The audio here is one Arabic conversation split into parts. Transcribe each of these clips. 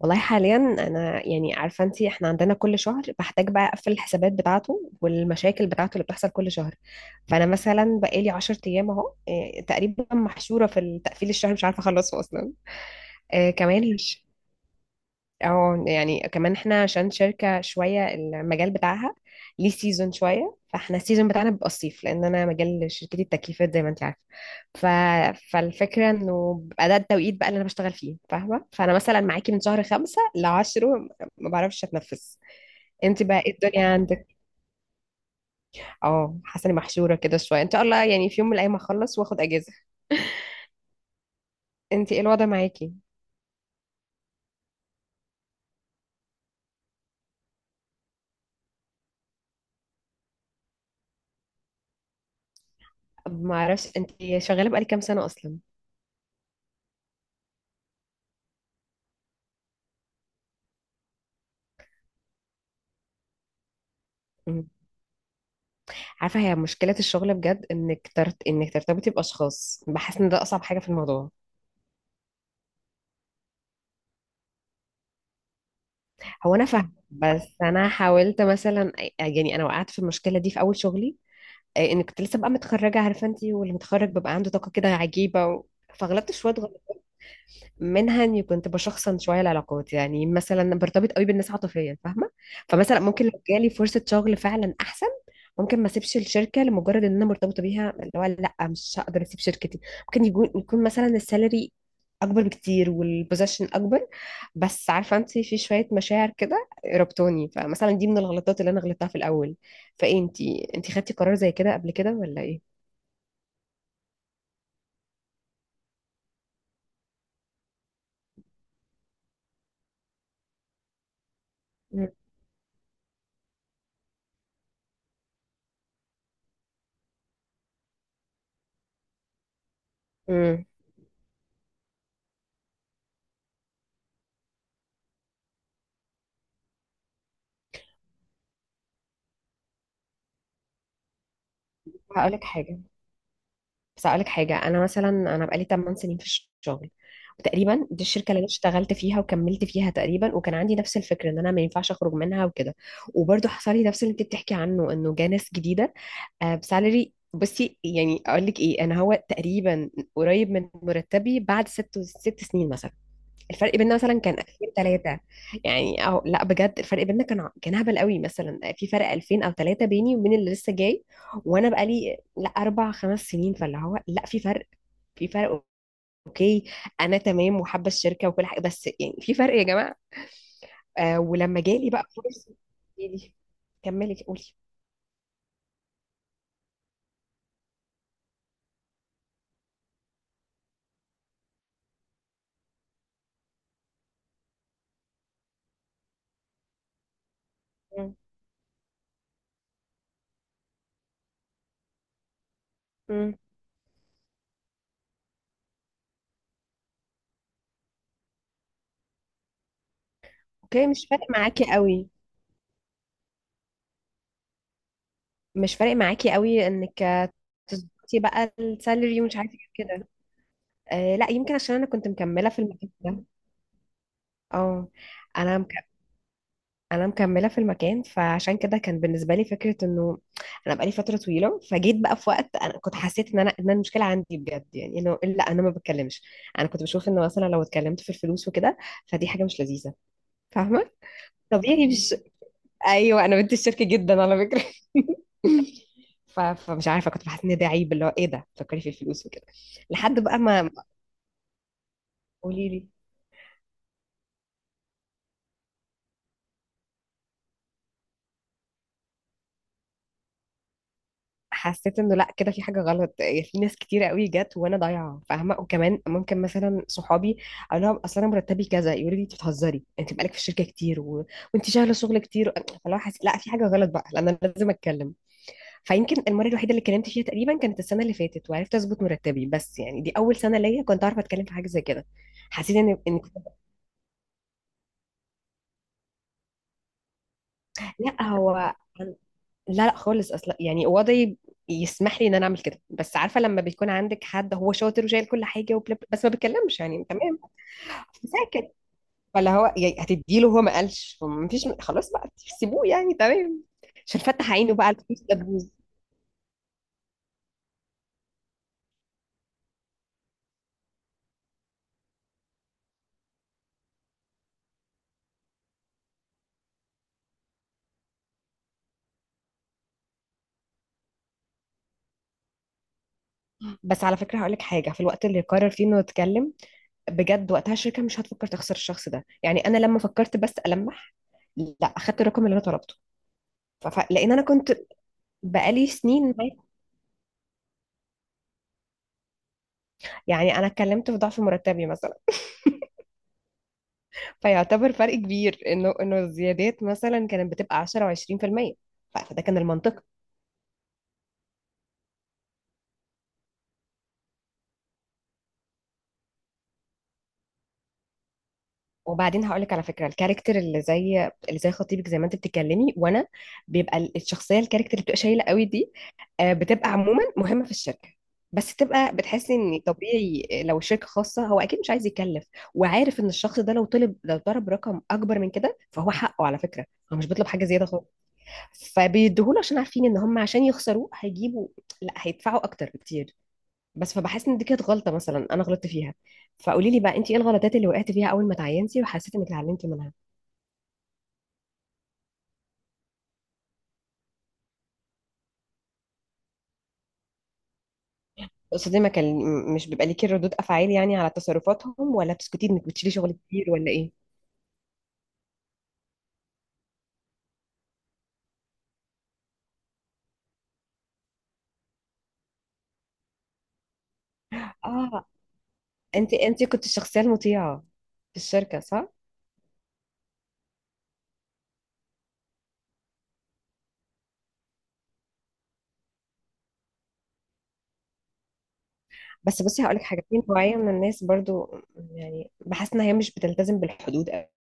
والله حاليا انا يعني عارفه انت، احنا عندنا كل شهر بحتاج بقى اقفل الحسابات بتاعته والمشاكل بتاعته اللي بتحصل كل شهر. فانا مثلا بقالي 10 ايام اهو، تقريبا محشوره في التقفيل الشهر، مش عارفه اخلصه اصلا. كمان. اه يعني كمان احنا عشان شركة شوية المجال بتاعها، ليه سيزون شوية، فاحنا السيزون بتاعنا بيبقى الصيف لان انا مجال شركتي التكييفات زي ما انت عارفة. ف... فالفكرة انه بيبقى ده التوقيت بقى اللي انا بشتغل فيه، فاهمة؟ فانا مثلا معاكي من شهر خمسة لعشره ما بعرفش اتنفس. انت بقى ايه الدنيا عندك؟ اه حاسة اني محشورة كده شوية، ان شاء الله يعني في يوم من الايام هخلص واخد اجازة. انت ايه الوضع معاكي؟ ما اعرفش انت، شغالة بقالك كام سنة اصلا؟ عارفة، هي مشكلة الشغل بجد انك ترتبطي باشخاص، بحس ان ده اصعب حاجة في الموضوع. هو انا فاهمة بس انا حاولت مثلا، يعني انا وقعت في المشكلة دي في اول شغلي، ان كنت لسه بقى متخرجة، عارفة انتي، واللي متخرج بيبقى عنده طاقة كده عجيبة، فغلبت شوية منها اني كنت بشخصن شويه العلاقات، يعني مثلا برتبط قوي بالناس عاطفيا، فاهمه؟ فمثلا ممكن لو جالي فرصه شغل فعلا احسن، ممكن ما اسيبش الشركه لمجرد ان انا مرتبطه بيها، اللي هو لا مش هقدر اسيب شركتي. ممكن يكون مثلا السالري اكبر بكتير والبوزيشن اكبر. بس عارفه انت، في شويه مشاعر كده ربطوني، فمثلا دي من الغلطات اللي انا غلطتها في الاول. فايه انت انت خدتي قرار زي كده قبل كده ولا ايه؟ مم. امم. هقولك حاجه، بس أقولك حاجة، أنا مثلا بقالي 8 سنين في الشغل، وتقريبا دي الشركة اللي أنا اشتغلت فيها وكملت فيها تقريبا، وكان عندي نفس الفكرة إن أنا ما ينفعش أخرج منها وكده. وبرضه حصل لي نفس اللي أنت بتحكي عنه، إنه جه ناس جديدة. بسالري بصي يعني أقولك إيه، أنا هو تقريبا قريب من مرتبي بعد ست سنين مثلا. الفرق بيننا مثلا كان 2000 3. يعني او لا، بجد الفرق بيننا كان هبل قوي، مثلا في فرق 2000 او 3 بيني وبين اللي لسه جاي. وانا بقالي لا اربع خمس سنين، فاللي هو لا في فرق. اوكي، انا تمام وحابه الشركه وكل حاجه، بس يعني في فرق يا جماعه. ولما جالي بقى فرصه دي. كملي قولي. مم. مم. اوكي، مش فارق معاكي قوي انك تظبطي بقى السالري ومش عارفه إيه كده. لا يمكن عشان انا كنت مكمله في المكان ده. اه انا مك... انا مكمله في المكان، فعشان كده كان بالنسبه لي فكره انه انا بقالي فتره طويله، فجيت بقى في وقت انا كنت حسيت ان أنا المشكله عندي بجد، يعني انه لا انا ما بتكلمش. انا كنت بشوف ان مثلا لو اتكلمت في الفلوس وكده، فدي حاجه مش لذيذه، فاهمه؟ طبيعي مش؟ ايوه انا بنت الشركه جدا على فكره. فمش عارفه كنت بحس ان ده عيب، اللي هو ايه ده تفكري في الفلوس وكده؟ لحد بقى ما. قولي لي. حسيت انه لا كده في حاجه غلط، يعني في ناس كتيره قوي جت وانا ضايعه، فاهمه؟ وكمان ممكن مثلا صحابي اقول لهم اصل انا مرتبي كذا، يقولوا لي انت بتهزري، انت بقالك في الشركه كتير، وانت شغاله شغل كتير. فلو حسيت لا في حاجه غلط بقى لان انا لازم اتكلم. فيمكن المره الوحيده اللي اتكلمت فيها تقريبا كانت السنه اللي فاتت وعرفت اظبط مرتبي، بس يعني دي اول سنه ليا كنت اعرف اتكلم في حاجه زي كده. حسيت ان ان كنت- لا هو لا لا خالص اصلا، يعني وضعي يسمح لي ان انا اعمل كده، بس عارفه لما بيكون عندك حد هو شاطر وشايل كل حاجه بس ما بيتكلمش يعني، تمام، ساكت. فاللي هو يعني هتديله، هو ما قالش فما فيش، خلاص بقى سيبوه يعني تمام. مش هنفتح عينه بقى على الفلوس، ده تبوظ. بس على فكره هقول لك حاجه، في الوقت اللي يقرر فيه انه يتكلم بجد، وقتها الشركه مش هتفكر تخسر الشخص ده، يعني انا لما فكرت بس المح لا اخدت الرقم اللي انا طلبته، لان انا كنت بقالي سنين معاه. يعني انا اتكلمت في ضعف مرتبي مثلا، فيعتبر فرق كبير، انه الزيادات مثلا كانت بتبقى 10% و20%، فده كان المنطق. وبعدين هقول لك على فكره، الكاركتر اللي زي خطيبك، زي ما انت بتتكلمي وانا، بيبقى الشخصيه، الكاركتر اللي بتبقى شايله قوي دي، بتبقى عموما مهمه في الشركه. بس تبقى بتحسي ان طبيعي، لو الشركه خاصه، هو اكيد مش عايز يكلف، وعارف ان الشخص ده لو طلب لو ضرب رقم اكبر من كده، فهو حقه على فكره، هو مش بيطلب حاجه زياده خالص. فبيديهوله عشان عارفين ان هم عشان يخسروه هيجيبوا، لا هيدفعوا اكتر بكتير. بس فبحس ان دي كانت غلطه مثلا انا غلطت فيها. فقولي لي بقى انت، ايه الغلطات اللي وقعتي فيها اول ما تعينتي وحسيتي انك اتعلمتي منها؟ قصدي ما كان مش بيبقى ليكي ردود افعال يعني على تصرفاتهم، ولا بتسكتي انك بتشيلي شغل كتير، ولا ايه؟ اه انت كنت الشخصيه المطيعه في الشركه، صح؟ بس بصي هقول لك حاجه، في نوعيه من الناس برضو، يعني بحس ان هي مش بتلتزم بالحدود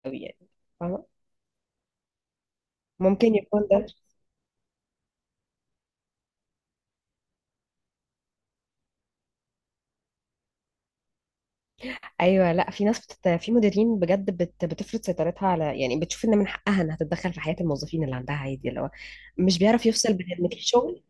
قوي يعني، فاهمه؟ ممكن يكون ده. ايوه لا في مديرين بجد بتفرض سيطرتها على يعني، بتشوف ان من حقها انها تتدخل في حياه الموظفين اللي عندها عادي، اللي هو مش بيعرف يفصل بين انك الشغل.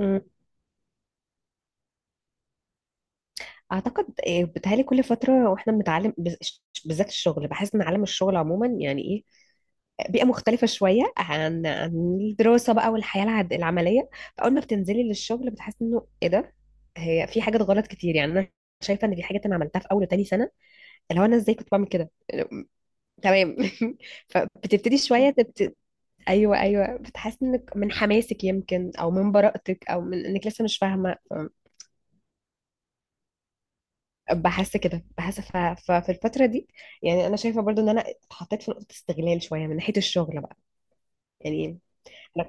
أمم. اعتقد إيه، بتهيألي كل فتره واحنا بنتعلم بالذات الشغل، بحس ان عالم الشغل عموما يعني ايه، بيئه مختلفه شويه عن الدراسه بقى والحياه العمليه. فاول ما بتنزلي للشغل بتحس انه ايه ده، هي في حاجات غلط كتير، يعني انا شايفه ان في حاجات انا عملتها في اول وتاني سنه، اللي هو انا ازاي كنت بعمل كده، تمام. فبتبتدي شويه ايوه، ايوه، بتحس انك من حماسك يمكن، او من براءتك، او من انك لسه مش فاهمه. بحس كده، ففي الفتره دي يعني، انا شايفه برضو ان انا اتحطيت في نقطه استغلال شويه من ناحيه الشغل بقى يعني. أنا-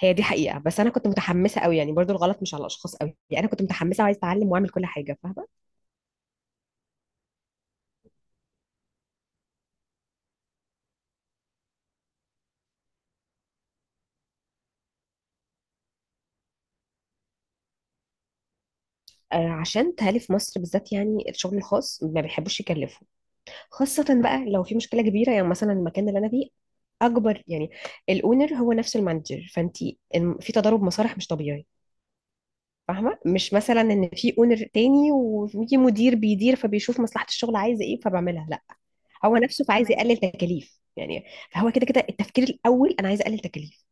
هي دي حقيقه، بس انا كنت متحمسه قوي يعني، برضو الغلط مش على الاشخاص قوي، يعني انا كنت متحمسه وعايزه اتعلم واعمل كل حاجه، فاهمه؟ عشان تهالي في مصر بالذات، يعني الشغل الخاص ما بيحبوش يكلفوا، خاصة بقى لو في مشكلة كبيرة، يعني مثلا المكان اللي أنا فيه أكبر، يعني الأونر هو نفس المانجر، فأنت في تضارب مصالح مش طبيعي. فاهمة؟ مش مثلا إن في أونر تاني وفي مدير بيدير، فبيشوف مصلحة الشغل عايزة إيه فبعملها. لا هو نفسه فعايز، تمام، يقلل تكاليف يعني، فهو كده كده التفكير الأول أنا عايز أقلل تكاليف.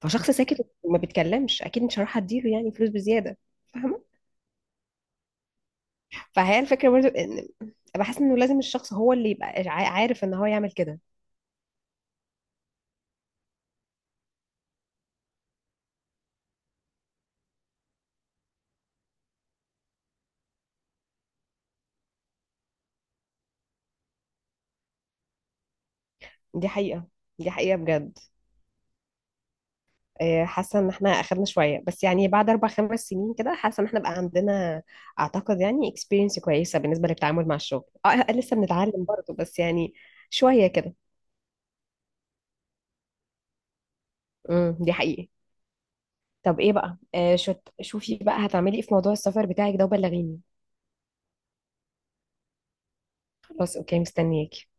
فشخص ساكت وما بيتكلمش أكيد مش هروح أديله يعني فلوس بزيادة، فاهمة؟ فهي الفكرة برضو إن، بحس إنه لازم الشخص هو اللي يبقى عارف إن هو يعمل كده. دي حقيقة دي حقيقة بجد. حاسة ان احنا اخرنا شوية، بس يعني بعد اربع خمس سنين كده، حاسة ان احنا بقى عندنا اعتقد يعني experience كويسة بالنسبة للتعامل مع الشغل، لسه بنتعلم برضه بس يعني شوية كده. دي حقيقة. طب ايه بقى شوفي بقى هتعملي ايه في موضوع السفر بتاعك ده، وبلغيني. خلاص، اوكي مستنياكي.